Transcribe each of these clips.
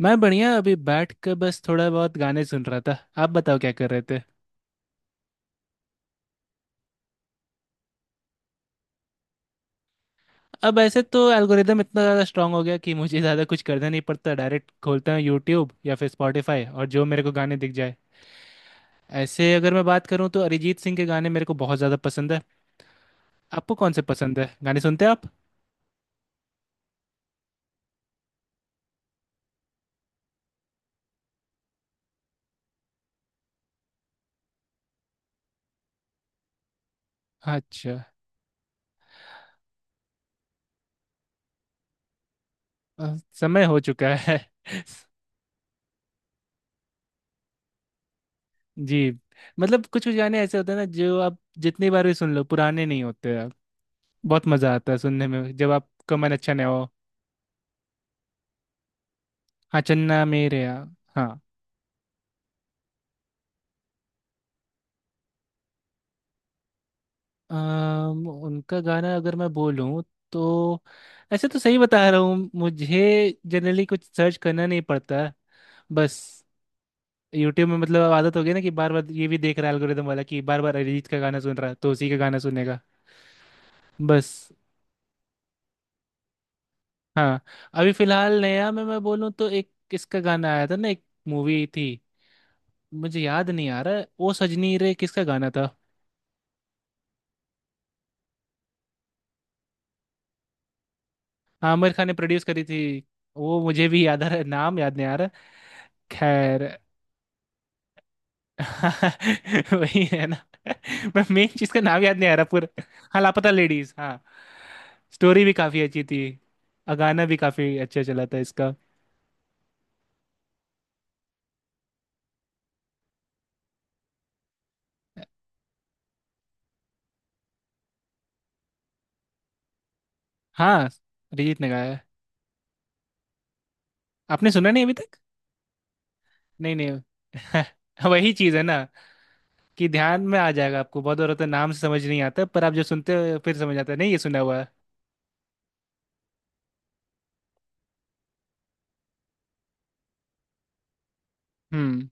मैं बढ़िया अभी बैठ कर बस थोड़ा बहुत गाने सुन रहा था। आप बताओ क्या कर रहे थे। अब ऐसे तो एल्गोरिदम इतना ज़्यादा स्ट्रांग हो गया कि मुझे ज़्यादा कुछ करना नहीं पड़ता, डायरेक्ट खोलता हूँ यूट्यूब या फिर स्पॉटिफाई और जो मेरे को गाने दिख जाए। ऐसे अगर मैं बात करूँ तो अरिजीत सिंह के गाने मेरे को बहुत ज़्यादा पसंद है। आपको कौन से पसंद है, गाने सुनते हैं आप? अच्छा। समय हो चुका है। जी। मतलब कुछ कुछ गाने ऐसे होते हैं ना जो आप जितनी बार भी सुन लो पुराने नहीं होते। आप बहुत मज़ा आता है सुनने में जब आपका मन अच्छा ना हो। हाँ, चन्ना मेरेया। हाँ। उनका गाना अगर मैं बोलूँ तो ऐसे तो सही बता रहा हूँ, मुझे जनरली कुछ सर्च करना नहीं पड़ता। बस यूट्यूब में मतलब अब आदत हो गई ना कि बार बार ये भी देख रहा है एल्गोरिदम वाला कि बार बार अरिजीत का गाना सुन रहा है तो उसी का गाना सुनेगा। बस। हाँ, अभी फिलहाल नया में मैं बोलूँ तो एक किसका गाना आया था ना, एक मूवी थी। मुझे याद नहीं आ रहा है, ओ सजनी रे किसका गाना था। हाँ, आमिर खान ने प्रोड्यूस करी थी। वो मुझे भी याद आ रहा है, नाम याद नहीं आ रहा। खैर, वही है ना। मैं मेन चीज का नाम याद नहीं आ रहा पूरा। हाँ, लापता लेडीज, हाँ। स्टोरी भी काफी अच्छी थी। और गाना भी काफी अच्छा चला था इसका। हाँ, अरिजीत ने गाया है। आपने सुना नहीं अभी तक? नहीं नहीं, वही चीज है ना, कि ध्यान में आ जाएगा आपको। बहुत औरत नाम से समझ नहीं आता पर आप जो सुनते हो फिर समझ आता है नहीं ये सुना हुआ है। हम्म।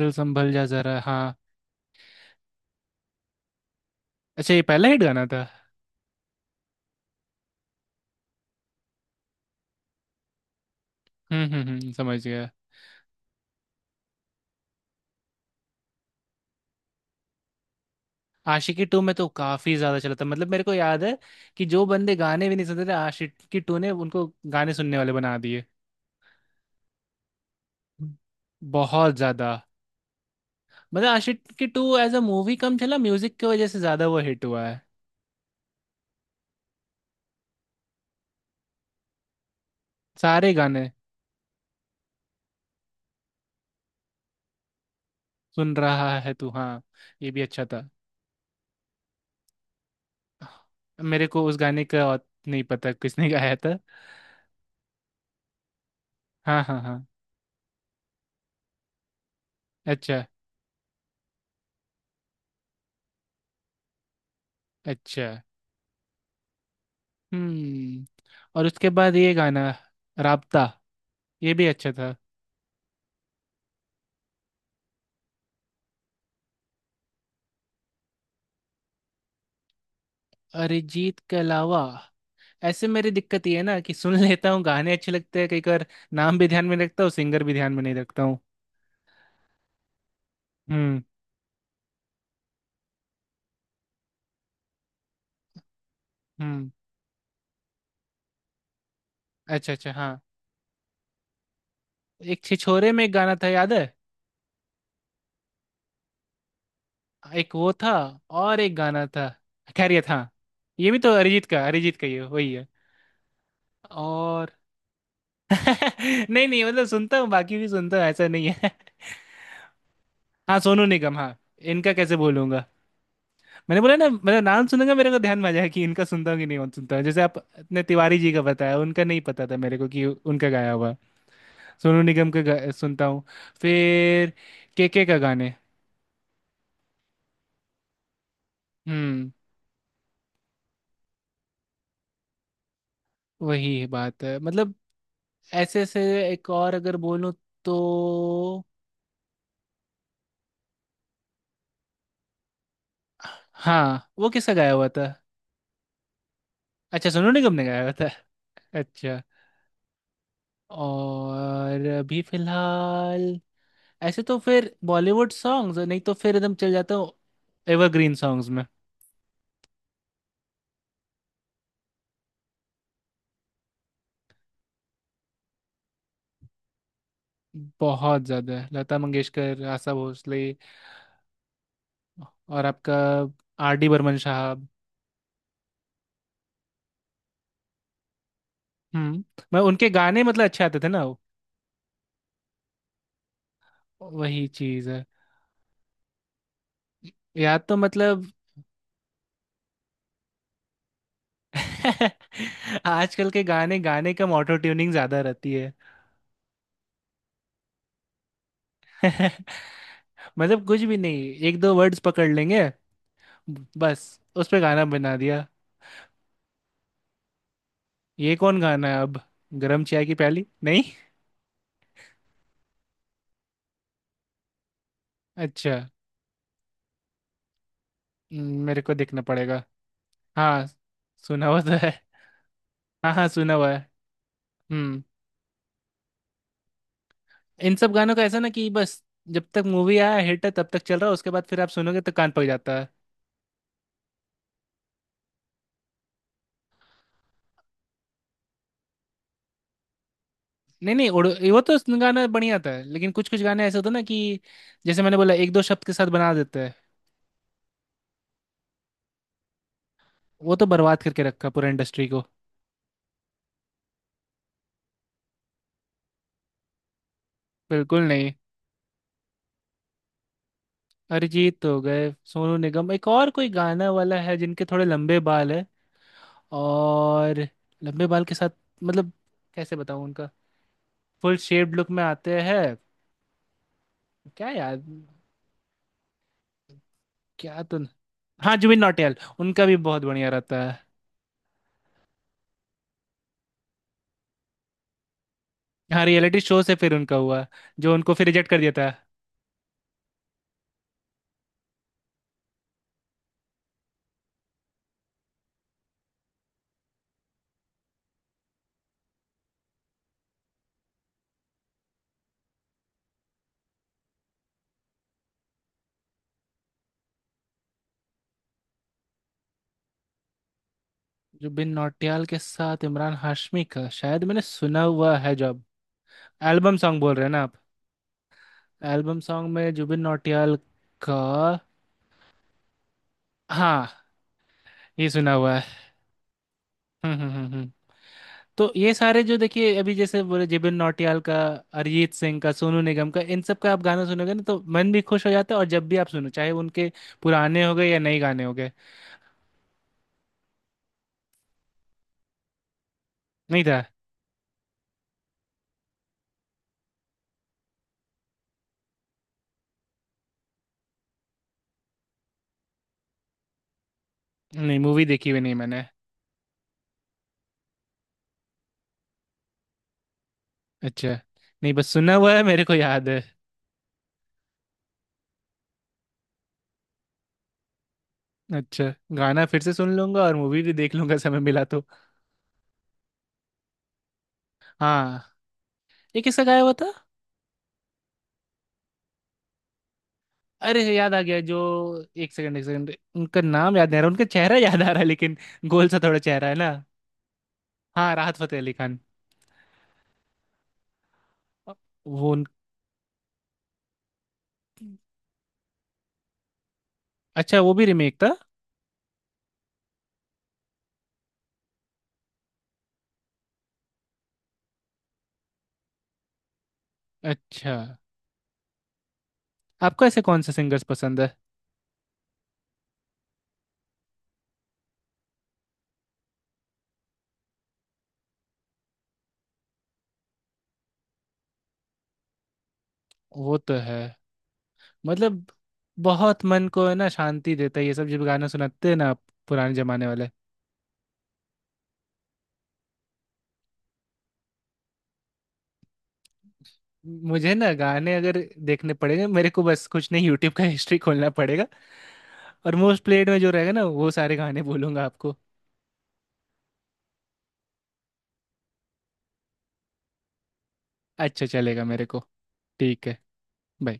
दिल संभल जा जरा, हाँ। अच्छा, ये पहला हिट गाना था। हम्म, समझ गया। आशिकी टू में तो काफी ज्यादा चला था, मतलब मेरे को याद है कि जो बंदे गाने भी नहीं सुनते थे, आशिकी टू ने उनको गाने सुनने वाले बना दिए। बहुत ज्यादा। मतलब Aashiqui two as a movie कम चला, म्यूजिक की वजह से ज्यादा वो हिट हुआ है। सारे गाने। सुन रहा है तू, हाँ, ये भी अच्छा था। मेरे को उस गाने का और नहीं पता किसने गाया था। हाँ हाँ हाँ। अच्छा अच्छा। हम्म। और उसके बाद ये गाना, राबता, ये भी अच्छा था। अरिजीत के अलावा ऐसे मेरी दिक्कत ये है ना कि सुन लेता हूँ गाने, अच्छे लगते हैं कई बार। नाम भी ध्यान में रखता हूँ, सिंगर भी ध्यान में नहीं रखता हूँ। हम्म हम्म। अच्छा अच्छा, हाँ। एक छिछोरे में एक गाना था याद है, एक वो था। और एक गाना था, खैर ये था। ये भी तो अरिजीत का, अरिजीत का ये वही है। और नहीं नहीं, मतलब सुनता हूँ, बाकी भी सुनता हूँ, ऐसा नहीं है। हाँ, सोनू निगम, हाँ। इनका कैसे बोलूंगा, मैंने बोला ना, मतलब नाम सुनूंगा मेरे को ध्यान में आ जाएगा कि इनका सुनता हूँ कि नहीं सुनता हूँ। जैसे आप अपने तिवारी जी का बताया, उनका नहीं पता था मेरे को कि उनका गाया हुआ है। सोनू निगम के सुनता हूँ। फिर केके का गाने। हम्म। वही बात है मतलब। ऐसे ऐसे एक और अगर बोलूँ तो। हाँ, वो किसका गाया हुआ था? अच्छा, सोनू निगम ने गाया हुआ था। अच्छा। और अभी फिलहाल ऐसे तो फिर बॉलीवुड सॉन्ग्स, नहीं तो फिर एकदम चल जाता हूँ एवरग्रीन सॉन्ग्स में। बहुत ज्यादा है। लता मंगेशकर, आशा भोसले, और आपका आर डी बर्मन साहब। हम्म। मैं उनके गाने मतलब अच्छे आते थे ना, वही चीज है। या तो मतलब आजकल के गाने, गाने का ऑटो ट्यूनिंग ज्यादा रहती है। मतलब कुछ भी नहीं, एक दो वर्ड्स पकड़ लेंगे, बस उस पे गाना बना दिया। ये कौन गाना है अब? गरम चाय की प्याली, नहीं। अच्छा। मेरे को देखना पड़ेगा। हाँ, सुना हुआ तो है। हाँ हाँ, सुना हुआ है। हम्म। इन सब गानों का ऐसा ना कि बस जब तक मूवी आया हिट है तब तक चल रहा है, उसके बाद फिर आप सुनोगे तो कान पक जाता है। नहीं नहीं उड़ ये, वो तो गाना बढ़िया था, लेकिन कुछ कुछ गाने ऐसे होते हैं ना कि जैसे मैंने बोला, एक दो शब्द के साथ बना देता है। वो तो बर्बाद करके रखा पूरा इंडस्ट्री को। बिल्कुल नहीं। अरिजीत हो गए, सोनू निगम, एक और कोई गाना वाला है जिनके थोड़े लंबे बाल है। और लंबे बाल के साथ मतलब कैसे बताऊँ उनका, फुल शेप्ड लुक में आते हैं। क्या यार, क्या तो। हाँ, जुबिन नौटियाल, उनका भी बहुत बढ़िया रहता है। हाँ, रियलिटी शो से फिर उनका हुआ। जो उनको फिर रिजेक्ट कर दिया था। जुबिन नौटियाल के साथ इमरान हाशमी का शायद मैंने सुना हुआ है, जब एल्बम सॉन्ग बोल रहे हैं ना आप। एल्बम सॉन्ग में जुबिन नौटियाल का, हाँ, ये सुना हुआ है। हम्म हम्म हम्म हम्म। तो ये सारे जो देखिए, अभी जैसे बोले जुबिन नौटियाल का, अरिजीत सिंह का, सोनू निगम का, इन सब का आप गाना सुनोगे ना तो मन भी खुश हो जाता है, और जब भी आप सुनो चाहे उनके पुराने हो गए या नए गाने हो गए। नहीं था। नहीं, मूवी देखी हुई नहीं मैंने। अच्छा। नहीं, बस सुना हुआ है, मेरे को याद है। अच्छा, गाना फिर से सुन लूंगा, और मूवी भी देख लूंगा समय मिला तो। हाँ, ये किसका गाया हुआ था? अरे याद आ गया जो, एक सेकंड एक सेकंड, उनका नाम याद नहीं आ रहा, उनका चेहरा याद आ रहा है लेकिन। गोल सा थोड़ा चेहरा है ना। हाँ, राहत फतेह अली खान। वो उन... अच्छा, वो भी रीमेक था। अच्छा। आपको ऐसे कौन से सिंगर्स पसंद है? वो तो है मतलब, बहुत मन को है ना, शांति देता है ये सब जब गाना सुनाते हैं ना आप, पुराने जमाने वाले। मुझे ना गाने अगर देखने पड़ेंगे, मेरे को बस कुछ नहीं, यूट्यूब का हिस्ट्री खोलना पड़ेगा, और मोस्ट प्लेड में जो रहेगा ना वो सारे गाने बोलूंगा आपको। अच्छा, चलेगा मेरे को। ठीक है, bye.